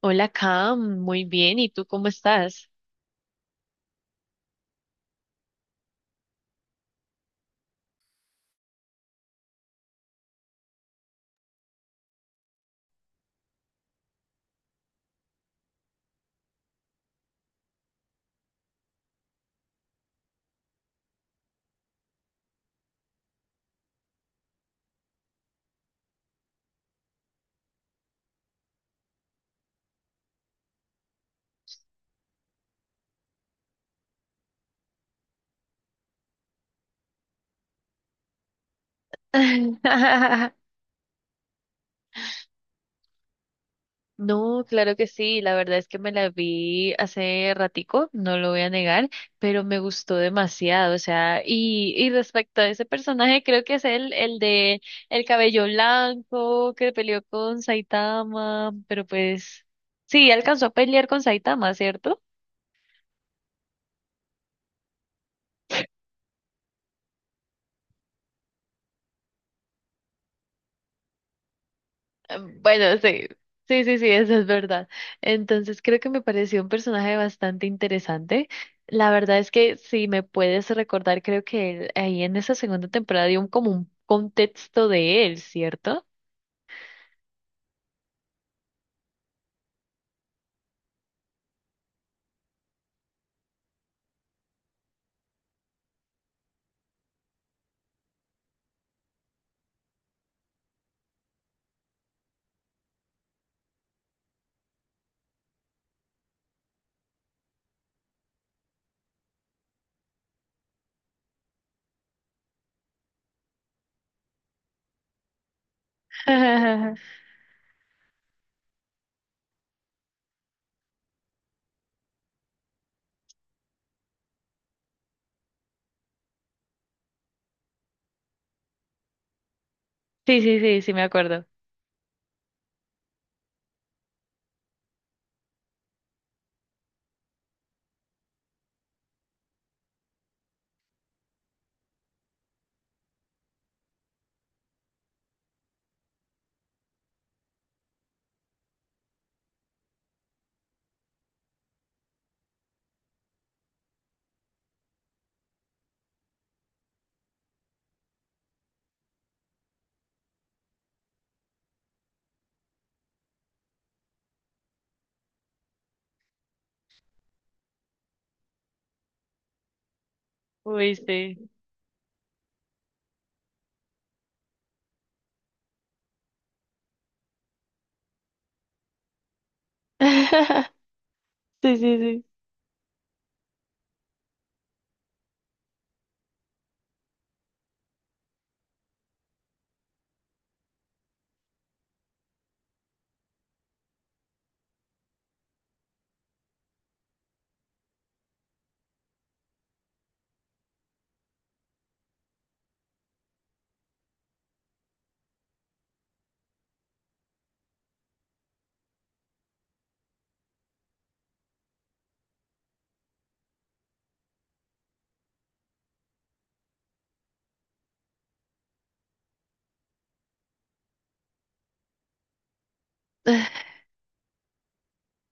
Hola, Cam, muy bien. ¿Y tú cómo estás? No, claro que sí. La verdad es que me la vi hace ratico, no lo voy a negar, pero me gustó demasiado. O sea, y respecto a ese personaje, creo que es el de el cabello blanco que peleó con Saitama, pero pues sí, alcanzó a pelear con Saitama, ¿cierto? Bueno, sí, sí, sí, sí, eso es verdad. Entonces creo que me pareció un personaje bastante interesante. La verdad es que si me puedes recordar, creo que él, ahí en esa segunda temporada como un contexto de él, ¿cierto? Sí, sí, sí, sí, me acuerdo. Uy, sí. Sí, sí, sí.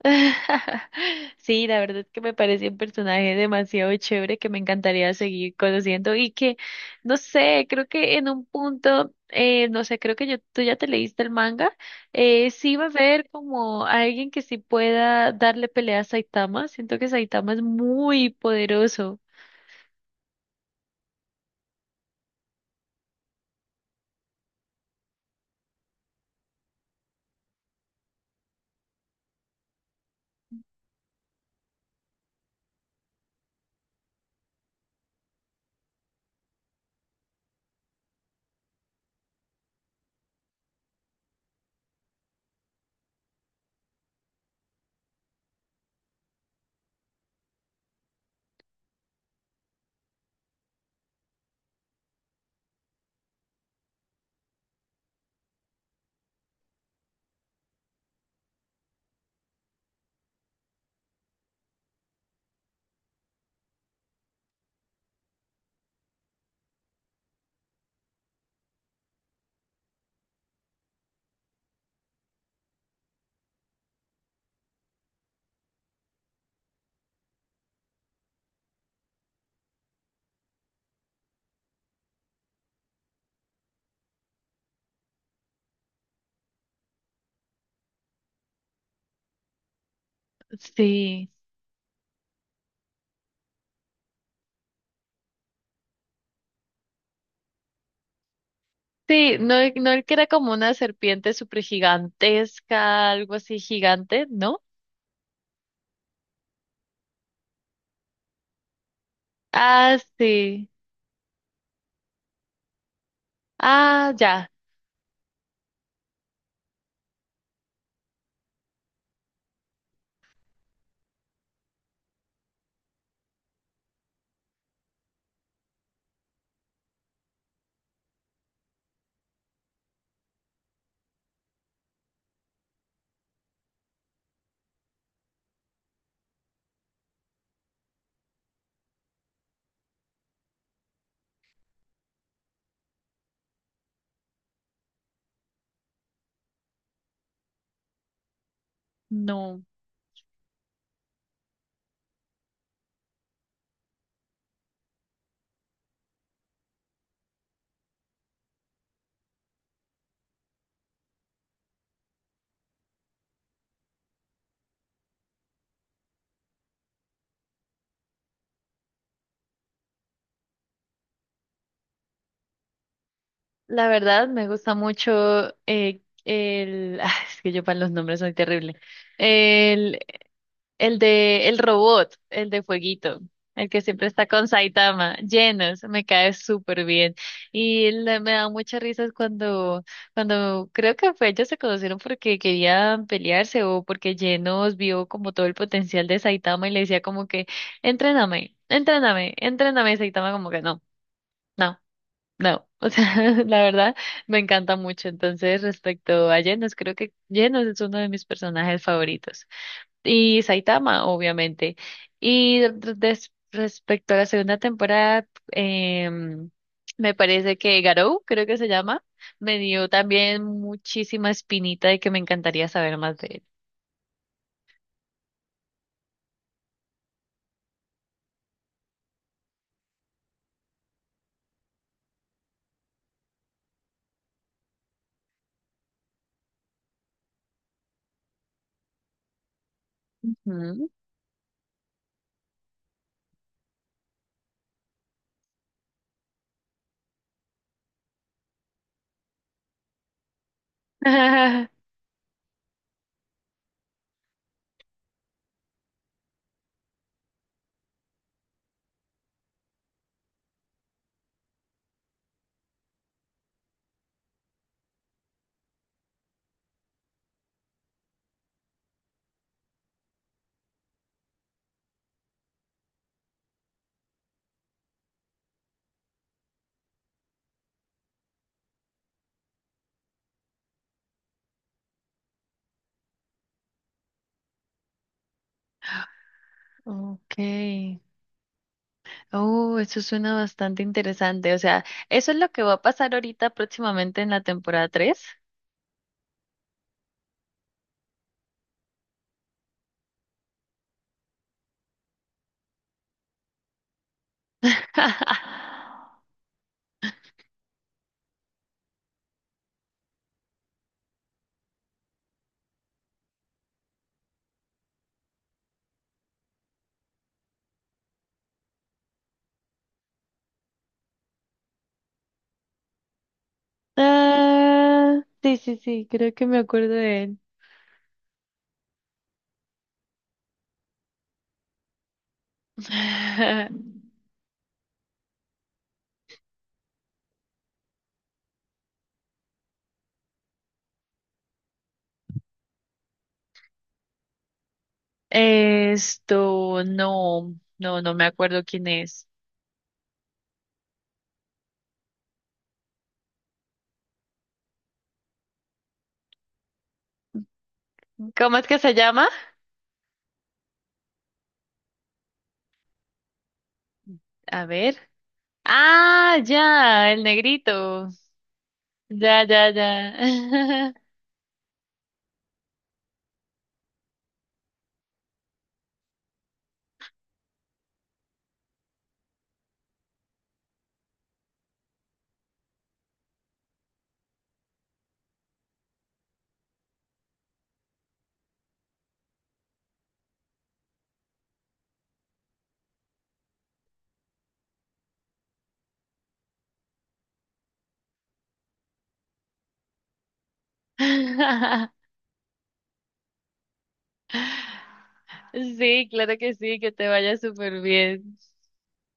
Sí, la verdad es que me parece un personaje demasiado chévere que me encantaría seguir conociendo y que, no sé, creo que en un punto, no sé, tú ya te leíste el manga, sí va a haber como alguien que sí pueda darle pelea a Saitama. Siento que Saitama es muy poderoso, sí. Sí, no, no el que era como una serpiente súper gigantesca, algo así gigante, ¿no? Ah, sí. Ah, ya. No. La verdad, me gusta mucho el... ah, es que yo para los nombres soy terrible. El, el de el robot, el de Fueguito, el que siempre está con Saitama, llenos, me cae súper bien. Me da muchas risas cuando, cuando creo que fue, ellos se conocieron porque querían pelearse o porque llenos vio como todo el potencial de Saitama y le decía como que, entréname, entréname, entréname, y Saitama como que no. No. No, o sea, la verdad me encanta mucho. Entonces, respecto a Genos, creo que Genos es uno de mis personajes favoritos. Y Saitama, obviamente. Y respecto a la segunda temporada, em, me parece que Garou, creo que se llama, me dio también muchísima espinita de que me encantaría saber más de él. Ujú. Ok. Oh, eso suena bastante interesante. O sea, ¿eso es lo que va a pasar ahorita próximamente en la temporada 3? Ah, sí, sí, sí, creo que me acuerdo de él. Esto, no, no, no me acuerdo quién es. ¿Cómo es que se llama? A ver. Ah, ya, el negrito. Ya, ya, ya. Sí, claro que sí, que te vaya súper bien.